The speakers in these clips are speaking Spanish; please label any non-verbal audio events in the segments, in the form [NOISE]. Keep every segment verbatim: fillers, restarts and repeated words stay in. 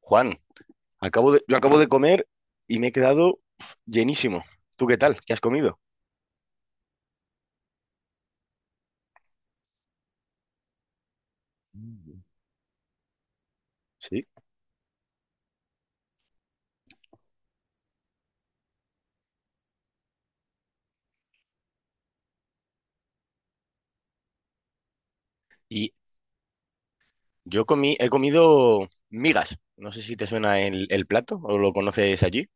Juan, acabo de, yo acabo de comer y me he quedado pf, llenísimo. ¿Tú qué tal? ¿Qué has comido? Mm. Sí. Y yo comí, he comido migas. No sé si te suena el, el plato o lo conoces allí.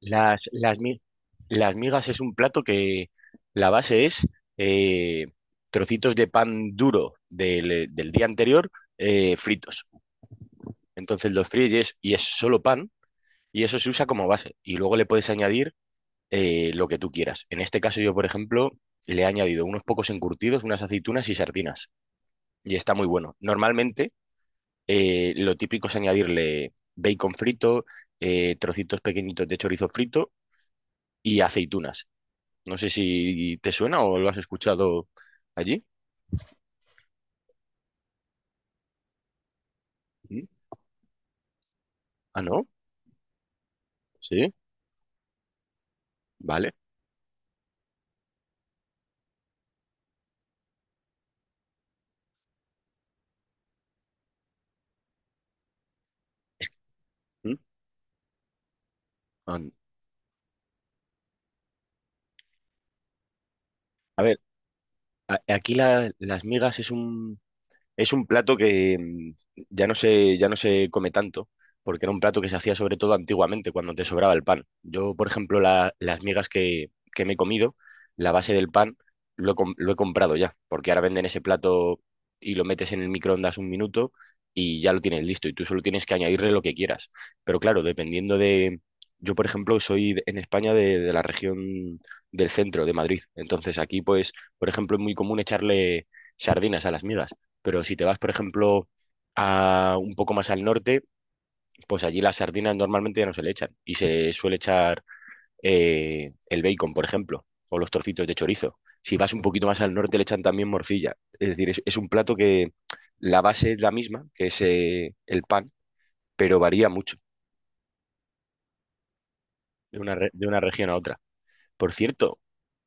Las, las, mi- las migas es un plato que la base es eh, trocitos de pan duro del, del día anterior eh, fritos. Entonces los fríes y es solo pan, y eso se usa como base. Y luego le puedes añadir eh, lo que tú quieras. En este caso yo, por ejemplo, le he añadido unos pocos encurtidos, unas aceitunas y sardinas. Y está muy bueno. Normalmente eh, lo típico es añadirle bacon frito, eh, trocitos pequeñitos de chorizo frito y aceitunas. No sé si te suena o lo has escuchado allí. ¿Mm? Ah, no. Sí, vale. Es- ¿Mm? Ah. A ver, a- aquí la- las migas es un, Es un plato que mm, ya no se, ya no se come tanto, porque era un plato que se hacía sobre todo antiguamente, cuando te sobraba el pan. Yo, por ejemplo, la- las migas que, que me he comido, la base del pan, lo, he com- lo he comprado ya, porque ahora venden ese plato y lo metes en el microondas un minuto y ya lo tienes listo, y tú solo tienes que añadirle lo que quieras. Pero claro, dependiendo de... Yo, por ejemplo, soy de- en España de, de la región del centro, de Madrid. Entonces aquí, pues, por ejemplo, es muy común echarle sardinas a las migas. Pero si te vas, por ejemplo, a un poco más al norte, pues allí las sardinas normalmente ya no se le echan y se suele echar eh, el bacon, por ejemplo, o los trocitos de chorizo. Si vas un poquito más al norte, le echan también morcilla. Es decir, es, es un plato que la base es la misma, que es eh, el pan, pero varía mucho de una, re- de una región a otra. Por cierto,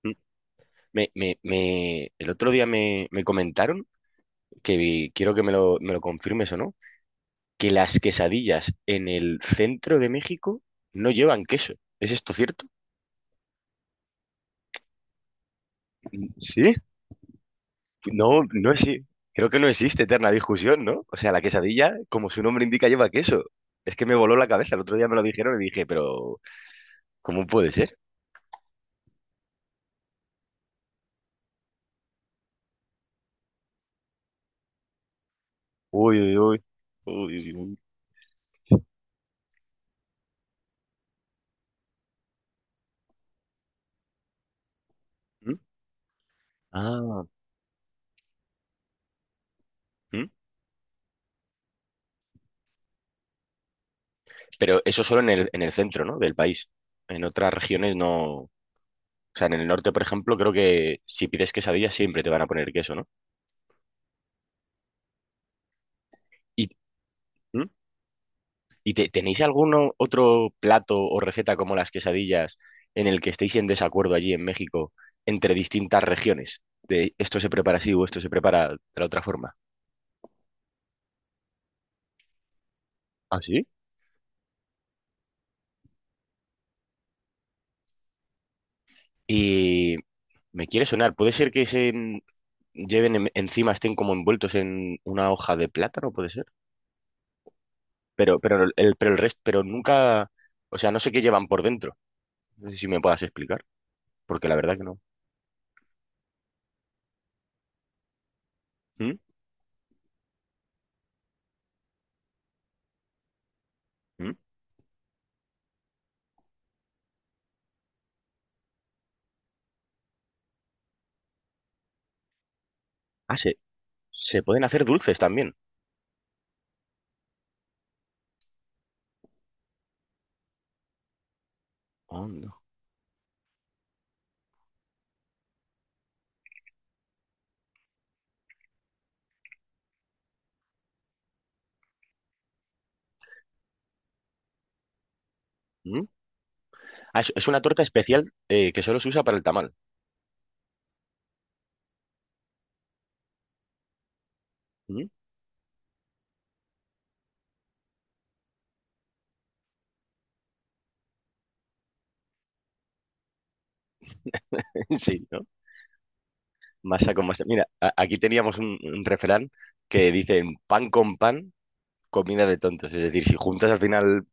mm, me, me- me- el otro día me, me comentaron que vi- quiero que me lo, me lo confirmes o no, que las quesadillas en el centro de México no llevan queso. ¿Es esto cierto? Sí. No, no existe. Creo que no existe eterna discusión, ¿no? O sea, la quesadilla, como su nombre indica, lleva queso. Es que me voló la cabeza. El otro día me lo dijeron y dije, pero ¿cómo puede ser? Uy, uy, uy. Uy, uy, uy. ¿Mm? Ah. ¿Mm? Pero eso solo en el, en el centro, ¿no? Del país. En otras regiones no. O sea, en el norte, por ejemplo, creo que si pides quesadilla siempre te van a poner queso, ¿no? Y, ¿mm? ¿Y te- tenéis algún otro plato o receta como las quesadillas en el que estéis en desacuerdo allí en México entre distintas regiones? De esto se prepara así o esto se prepara de la otra forma. ¿Ah, sí? Y me quiere sonar, ¿puede ser que se en- lleven en- encima, estén como envueltos en una hoja de plátano, puede ser? Pero, pero el, pero el resto, pero nunca, o sea, no sé qué llevan por dentro. No sé si me puedas explicar, porque la verdad que no. ¿Mm? ¿Mm? Ah, se, se pueden hacer dulces también. Oh, no. Ah, es es una torta especial eh, que solo se usa para el tamal. ¿Mm? [LAUGHS] Sí, ¿no? Masa con masa. Mira, a- aquí teníamos un, un refrán que dice pan con pan, comida de tontos. Es decir, si juntas al final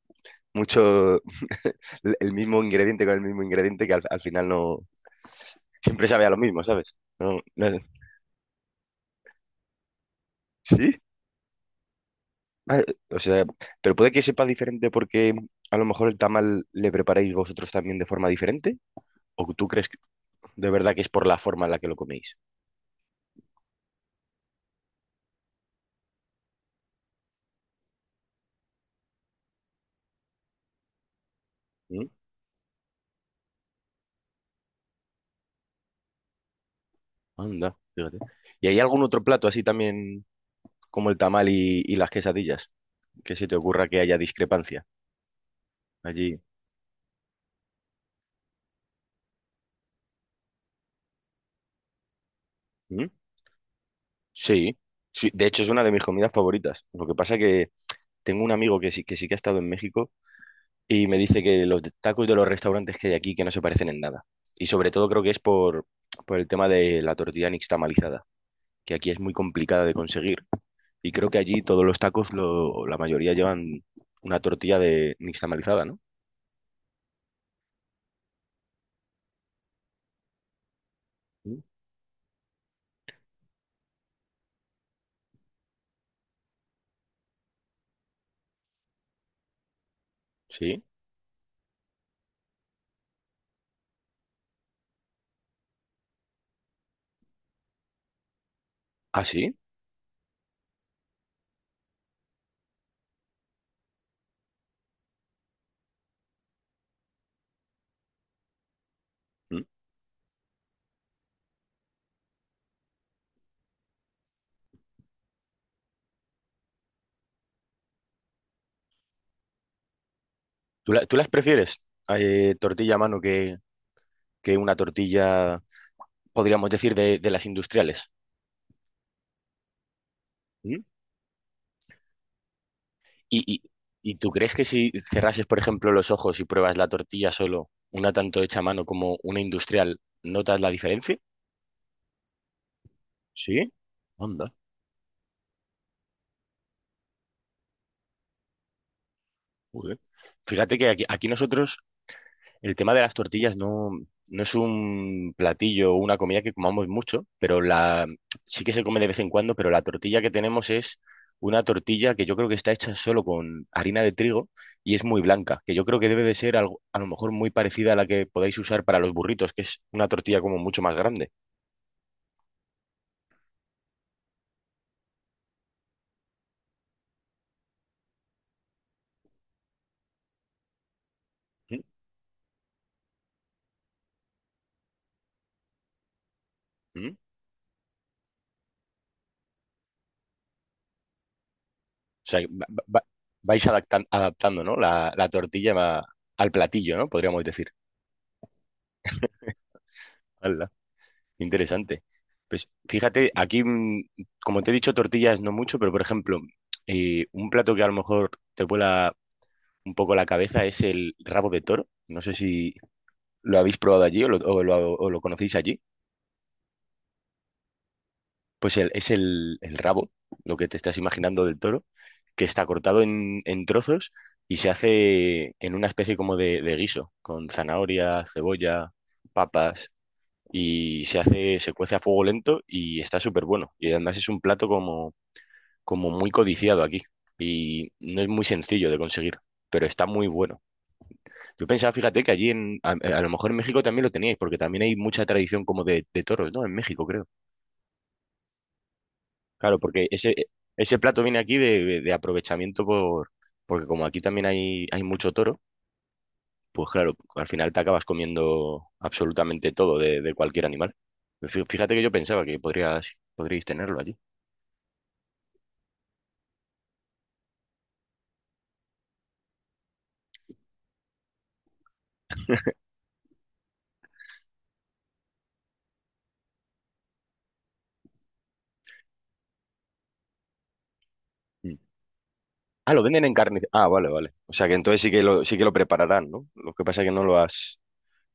mucho [LAUGHS] el el mismo ingrediente con el mismo ingrediente, que al, al final no siempre sabe a lo mismo, ¿sabes? No, no- ¿Sí? Ah, o sea, pero puede que sepa diferente porque a lo mejor el tamal le preparáis vosotros también de forma diferente, o tú crees que- de verdad que es por la forma en la que lo coméis. ¿Mm? Anda, fíjate. ¿Y hay algún otro plato así también como el tamal y, y las quesadillas? Que se te ocurra que haya discrepancia allí. ¿Mm? Sí, sí. De hecho, es una de mis comidas favoritas. Lo que pasa que tengo un amigo que sí que, sí que ha estado en México y me dice que los de- tacos de los restaurantes que hay aquí que no se parecen en nada. Y sobre todo creo que es por, por el tema de la tortilla nixtamalizada, que aquí es muy complicada de conseguir. Y creo que allí todos los tacos, lo- la mayoría llevan una tortilla de nixtamalizada, ¿no? ¿Mm? Sí. Ah, sí. Mm. ¿Tú, la- tú las prefieres? Eh, tortilla a mano que, que una tortilla, podríamos decir, de, de las industriales. ¿Mm? ¿Y, y, ¿y tú crees que si cerrases, por ejemplo, los ojos y pruebas la tortilla solo, una tanto hecha a mano como una industrial, notas la diferencia? Sí. Anda. Joder. Fíjate que aquí, aquí nosotros el tema de las tortillas no, no es un platillo o una comida que comamos mucho, pero la sí que se come de vez en cuando, pero la tortilla que tenemos es una tortilla que yo creo que está hecha solo con harina de trigo y es muy blanca, que yo creo que debe de ser algo, a lo mejor muy parecida a la que podáis usar para los burritos, que es una tortilla como mucho más grande. ¿Mm? ¿Mm? O sea, va- va- va- vais adaptan- adaptando, ¿no? La, la tortilla va- al platillo, ¿no? Podríamos decir. Interesante. Pues fíjate, aquí, mm, como te he dicho, tortillas no mucho, pero por ejemplo, eh, un plato que a lo mejor te vuela un poco la cabeza es el rabo de toro. No sé si lo habéis probado allí o lo, o lo- o lo conocéis allí. Pues el- es el, el rabo, lo que te estás imaginando del toro, que está cortado en, en trozos y se hace en una especie como de, de guiso, con zanahoria, cebolla, papas. Y se hace, se cuece a fuego lento y está súper bueno. Y además es un plato como, como muy codiciado aquí y no es muy sencillo de conseguir, pero está muy bueno. Yo pensaba, fíjate, que allí en, a, a lo mejor en México también lo teníais, porque también hay mucha tradición como de, de toros, ¿no? En México, creo. Claro, porque ese, ese plato viene aquí de, de aprovechamiento por, porque como aquí también hay, hay mucho toro, pues claro, al final te acabas comiendo absolutamente todo de, de cualquier animal. Fí- Fíjate que yo pensaba que podrías, podríais tenerlo allí. Mm. Ah, lo venden en carne. Ah, vale, vale. O sea que entonces sí que lo, sí que lo prepararán, ¿no? Lo que pasa es que no lo has,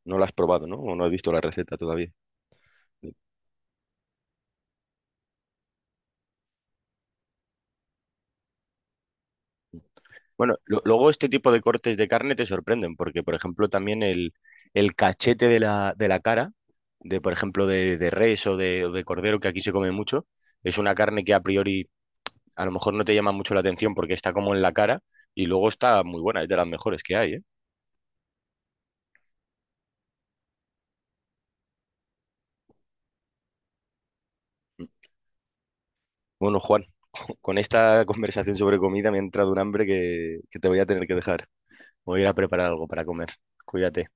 no lo has probado, ¿no? O no has visto la receta todavía. Bueno, lo- luego este tipo de cortes de carne te sorprenden, porque por ejemplo también el, el cachete de la, de la cara, de por ejemplo de, de res o de, o de cordero, que aquí se come mucho, es una carne que a priori a lo mejor no te llama mucho la atención porque está como en la cara y luego está muy buena, es de las mejores que hay, ¿eh? Bueno, Juan, con esta [LAUGHS] conversación sobre comida me ha entrado un hambre que, que te voy a tener que dejar. Voy a ir a preparar algo para comer. Cuídate.